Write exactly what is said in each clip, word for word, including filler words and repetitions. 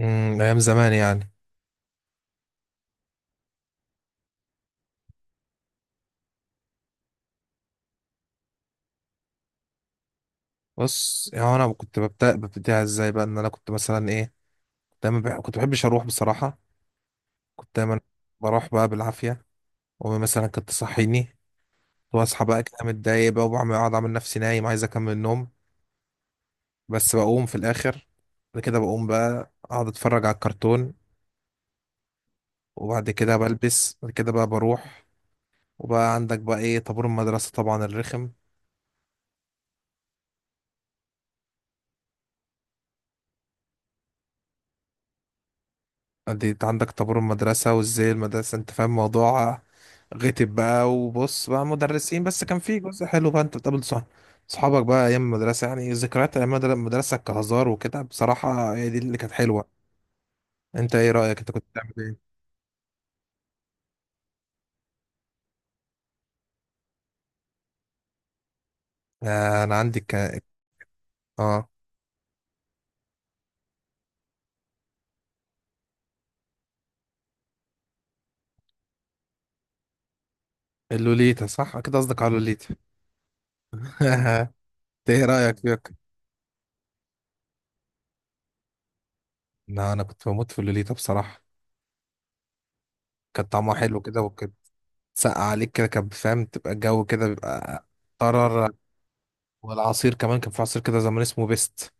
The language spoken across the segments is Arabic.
امم ايام زمان يعني. بص يعني انا كنت ببدا ببتديها ازاي بقى ان انا كنت مثلا ايه. دايما بح... كنت بحبش اروح بصراحه. كنت دايما بروح بقى بالعافيه، وامي مثلا كانت تصحيني، واصحى بقى كده متضايق بقى، وبعمل اقعد اعمل نفسي نايم عايز اكمل النوم، بس بقوم في الاخر. بعد كده بقوم بقى اقعد اتفرج على الكرتون، وبعد كده بلبس، بعد كده بقى بروح. وبقى عندك بقى ايه طابور المدرسه طبعا الرخم. دي انت عندك طابور المدرسة وازاي المدرسة، انت فاهم موضوع غتب بقى، وبص بقى مدرسين، بس كان في جزء حلو بقى انت بتقابل صح، صحابك بقى. ايام المدرسة يعني، ذكريات ايام المدر- المدرسة كهزار وكده بصراحة هي دي اللي كانت حلوة. انت ايه رأيك، انت كنت بتعمل ايه؟ آه انا عندي ك... اه اللوليتا، صح كده، قصدك على اللوليتا. انت ايه رأيك فيك؟ لا انا كنت بموت في اللوليتا بصراحة. كان طعمها حلو كده وكده، تسقع عليك كده، كان فاهم تبقى الجو كده بيبقى قرر. والعصير كمان، كان في عصير كده زمان اسمه بيست،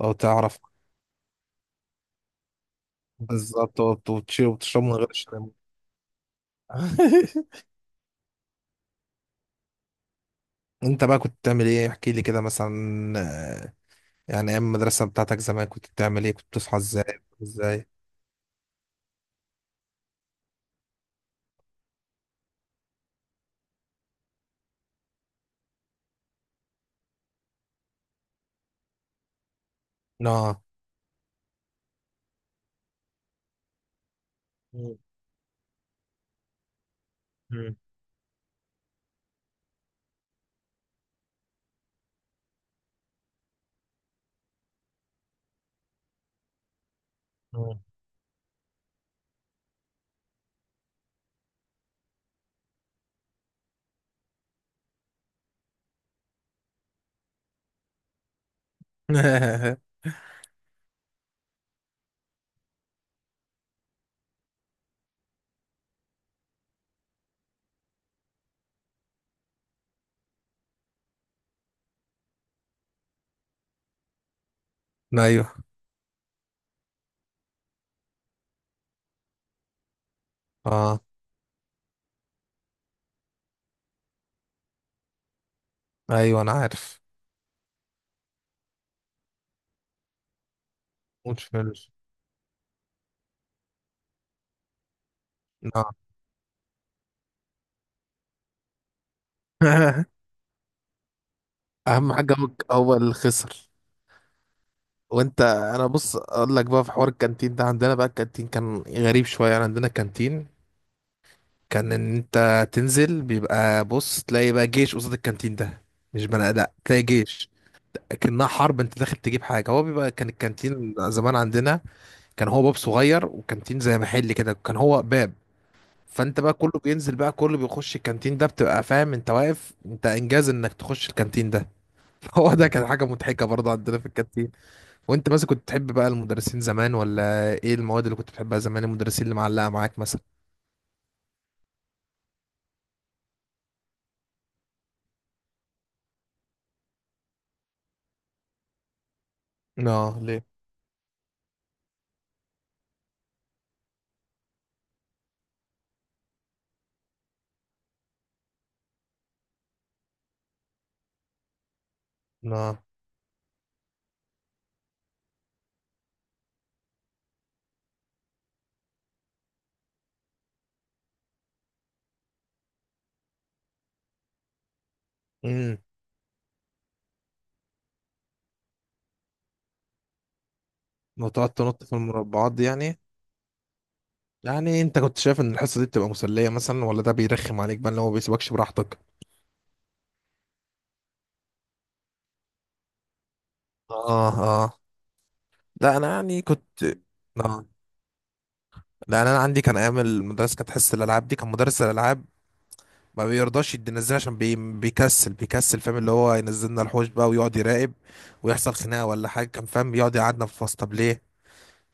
لو تعرف. بالظبط، هو بت- وتش- وتشربه من غير الشراب. انت بقى كنت بتعمل ايه، احكي لي كده مثلا. آه، يعني ايام المدرسه بتاعتك زمان كنت بتعمل ايه، كنت بتصحى ازاي، بتنام ازاي. اه. مم. مم. مم. ايوه. اه. ايوه انا عارف. مش فلوس. اه. اهم حاجه هو هو اللي خسر. وانت انا بص اقول لك بقى، في حوار الكانتين ده عندنا، بقى الكانتين كان غريب شويه. يعني عندنا كانتين، كان ان انت تنزل بيبقى بص تلاقي بقى جيش قصاد الكانتين ده، مش بني ادم، تلاقي جيش. لكنها حرب، انت داخل تجيب حاجه. هو بيبقى كان الكانتين زمان عندنا، كان هو باب صغير، وكانتين زي محل كده، كان هو باب. فانت بقى كله بينزل بقى، كله بيخش الكانتين ده، بتبقى فاهم انت واقف، انت انجاز انك تخش الكانتين ده. هو ده كان حاجه مضحكه برضه عندنا في الكانتين. وانت مثلا كنت تحب بقى المدرسين زمان ولا ايه، المواد اللي كنت بتحبها زمان، المدرسين اللي معلقه معاك مثلا. اه ليه؟ اه وتقعد تنط في المربعات دي يعني. يعني انت كنت شايف ان الحصة دي بتبقى مسلية مثلا، ولا ده بيرخم عليك بقى اللي هو بيسيبكش براحتك. اه. اه. لا انا يعني كنت. اه. لا انا عندي كان ايام المدرسة كانت حصة الالعاب دي، كان مدرس الالعاب ما بيرضاش ينزلنا عشان بي... بيكسل بيكسل، فاهم اللي هو ينزلنا الحوش بقى ويقعد يراقب، ويحصل خناقة ولا حاجة، كان فاهم بيقعد يقعدنا في الفصل. طب ليه؟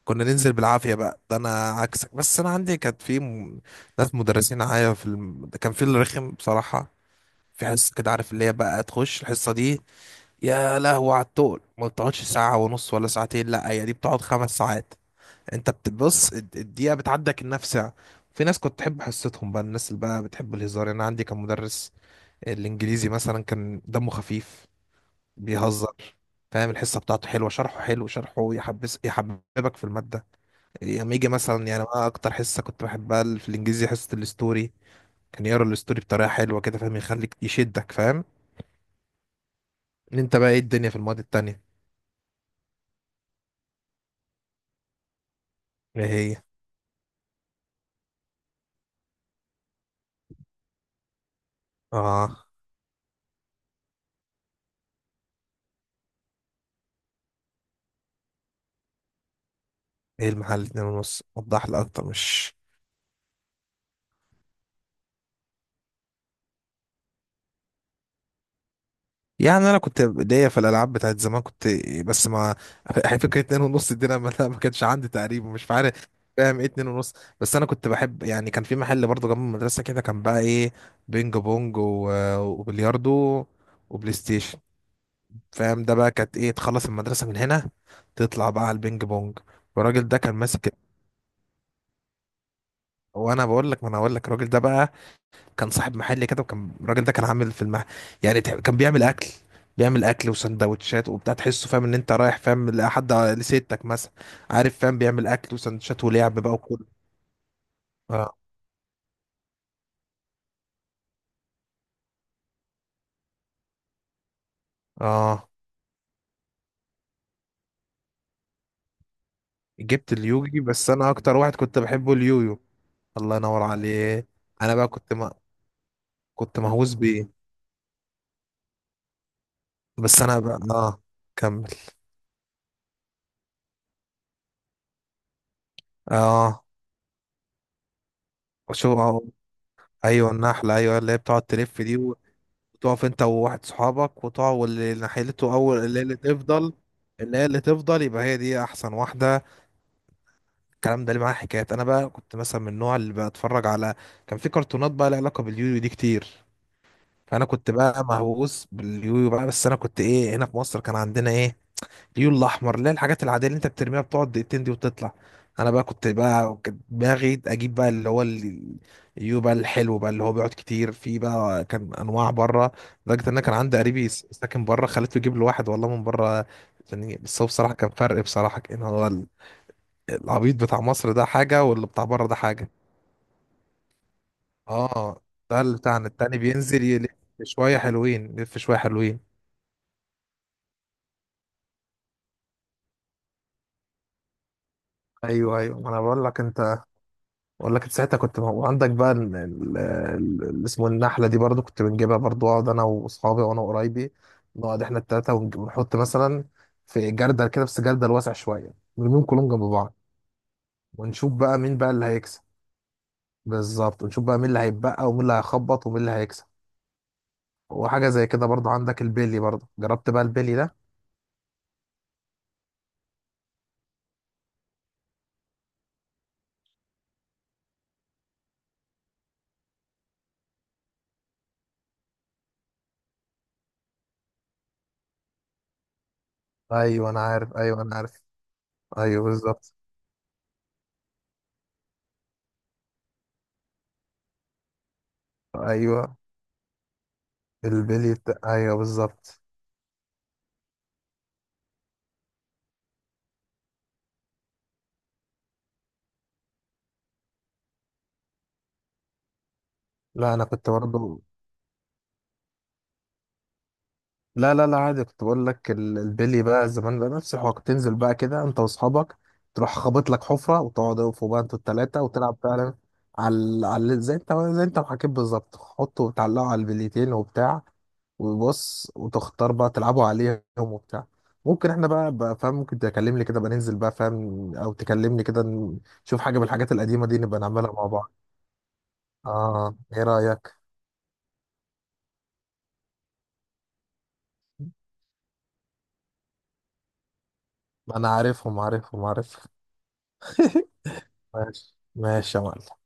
كنا ننزل بالعافية بقى، ده انا عكسك. بس انا عندي كانت في م... ناس مدرسين معايا في الم... كان في اللي رخم بصراحة. في حصة كده عارف، اللي هي بقى تخش الحصة دي يا لهوي على التقل، ما بتقعدش ساعة ونص ولا ساعتين، لا هي دي بتقعد خمس ساعات. انت بتبص الد- الدقيقة بتعدى كأنها في ساعة. في ناس كنت تحب حصتهم بقى، الناس اللي بقى بتحب الهزار. يعني انا عندي كان مدرس الانجليزي مثلا كان دمه خفيف، بيهزر، فاهم الحصة بتاعته حلوة، شرحه حلو، شرحه يحبس يحببك في المادة. لما يجي مثلا، يعني انا اكتر حصة كنت بحبها في الانجليزي حصة الستوري. كان يقرا الستوري بطريقة حلوة كده، فاهم يخليك يشدك، فاهم ان انت بقى ايه الدنيا في المواد التانية. ايه هي؟ اه ايه المحل اتنين ونص، وضح لي اكتر مش. يعني انا كنت ليا في الالعاب بتاعت زمان كنت بس ما فكره اتنين ونص دي انا ما ما كانش عندي تقريبا، مش عارف فاهم ايه اتنين ونص. بس انا كنت بحب، يعني كان في محل برضه جنب المدرسه كده، كان بقى ايه، بينج بونج و- وبلياردو وبلاي ستيشن. فاهم ده بقى كانت ايه، تخلص المدرسه من هنا، تطلع بقى على البينج بونج، والراجل ده كان ماسك. وانا بقول لك، ما انا هقول لك الراجل ده بقى، كان صاحب محل كده، وكان الراجل ده كان عامل في المحل، يعني تح- كان بيعمل اكل بيعمل اكل وسندوتشات وبتاع، تحسه فاهم ان انت رايح، فاهم لحد لستك مثلا، عارف فاهم، بيعمل اكل وسندوتشات ولعب بقى وكله. اه. اه. جبت اليوجي، بس انا اكتر واحد كنت بحبه اليويو، الله ينور عليه. انا بقى كنت ما كنت مهووس بيه. بس انا بقى اه كمل. اه وشو آه. ايوه النحله، ايوه اللي هي بتقعد تلف دي. تقف انت وواحد صحابك وتقع، واللي ناحيته اول اللي هي اللي تفضل، اللي هي اللي تفضل، يبقى هي دي احسن واحده. الكلام ده اللي معاه حكايات. انا بقى كنت مثلا من النوع اللي بتفرج على، كان في كرتونات بقى لها علاقه باليويو دي كتير. فانا كنت بقى مهووس باليويو بقى. بس انا كنت ايه، هنا في مصر كان عندنا ايه، اليون الاحمر، لا الحاجات العاديه اللي انت بترميها بتقعد دقيقتين دي وتطلع. انا بقى كنت بقى كانت دماغي اجيب بقى اللي هو ال- اليو بقى الحلو بقى، اللي هو بيقعد كتير. في بقى كان انواع بره، لدرجه ان انا كان عندي قريبي س- ساكن بره، خليته يجيب له واحد والله من بره. يعني بس هو بصراحه كان فرق بصراحه، كان هو ال- العبيط بتاع مصر ده حاجه، واللي بتاع بره ده حاجه. اه ده اللي بتاعنا التاني بينزل يلف شويه حلوين، يلف شويه حلوين. ايوه ايوه، ما انا بقول لك انت، بقول لك ساعتها كنت موجود عندك بقى ال- ال- ال- اللي اسمه النحله دي برضو، كنت بنجيبها برضو، اقعد انا واصحابي وانا وقرايبي، نقعد احنا التلاته ونج- ونحط مثلا في جردل كده، بس جردل واسع شويه، نرميهم كلهم جنب بعض، ونشوف بقى مين بقى اللي هيكسب. بالظبط، ونشوف بقى مين اللي هيتبقى ومين اللي هيخبط ومين اللي هيكسب. وحاجه زي كده برضو، عندك البيلي، برضو جربت بقى البيلي ده. ايوه انا عارف، ايوه انا عارف. ايوه بالظبط. ايوه البيلي بتا... ايوه بالظبط. لا انا كنت برضو. لا لا لا عادي، كنت بقول لك ال- البلي بقى زمان بقى، نفس الحوار. كنت تنزل بقى كده انت واصحابك، تروح خابط لك حفره، وتقعدوا فوق بقى انتوا التلاته وتلعب فعلا، على على زي انت، زي انت ما حكيت بالظبط، حطوا وتعلقوا على البليتين وبتاع، وبص وتختار بقى تلعبوا عليهم وبتاع. ممكن احنا بقى, بقى فاهم، ممكن تكلمني كده بقى ننزل بقى، فاهم، او تكلمني كده نشوف حاجه من الحاجات القديمه دي نبقى نعملها مع بعض. اه ايه رايك؟ انا عارفهم عارفهم عارفهم. ماشي ماشي يا معلم.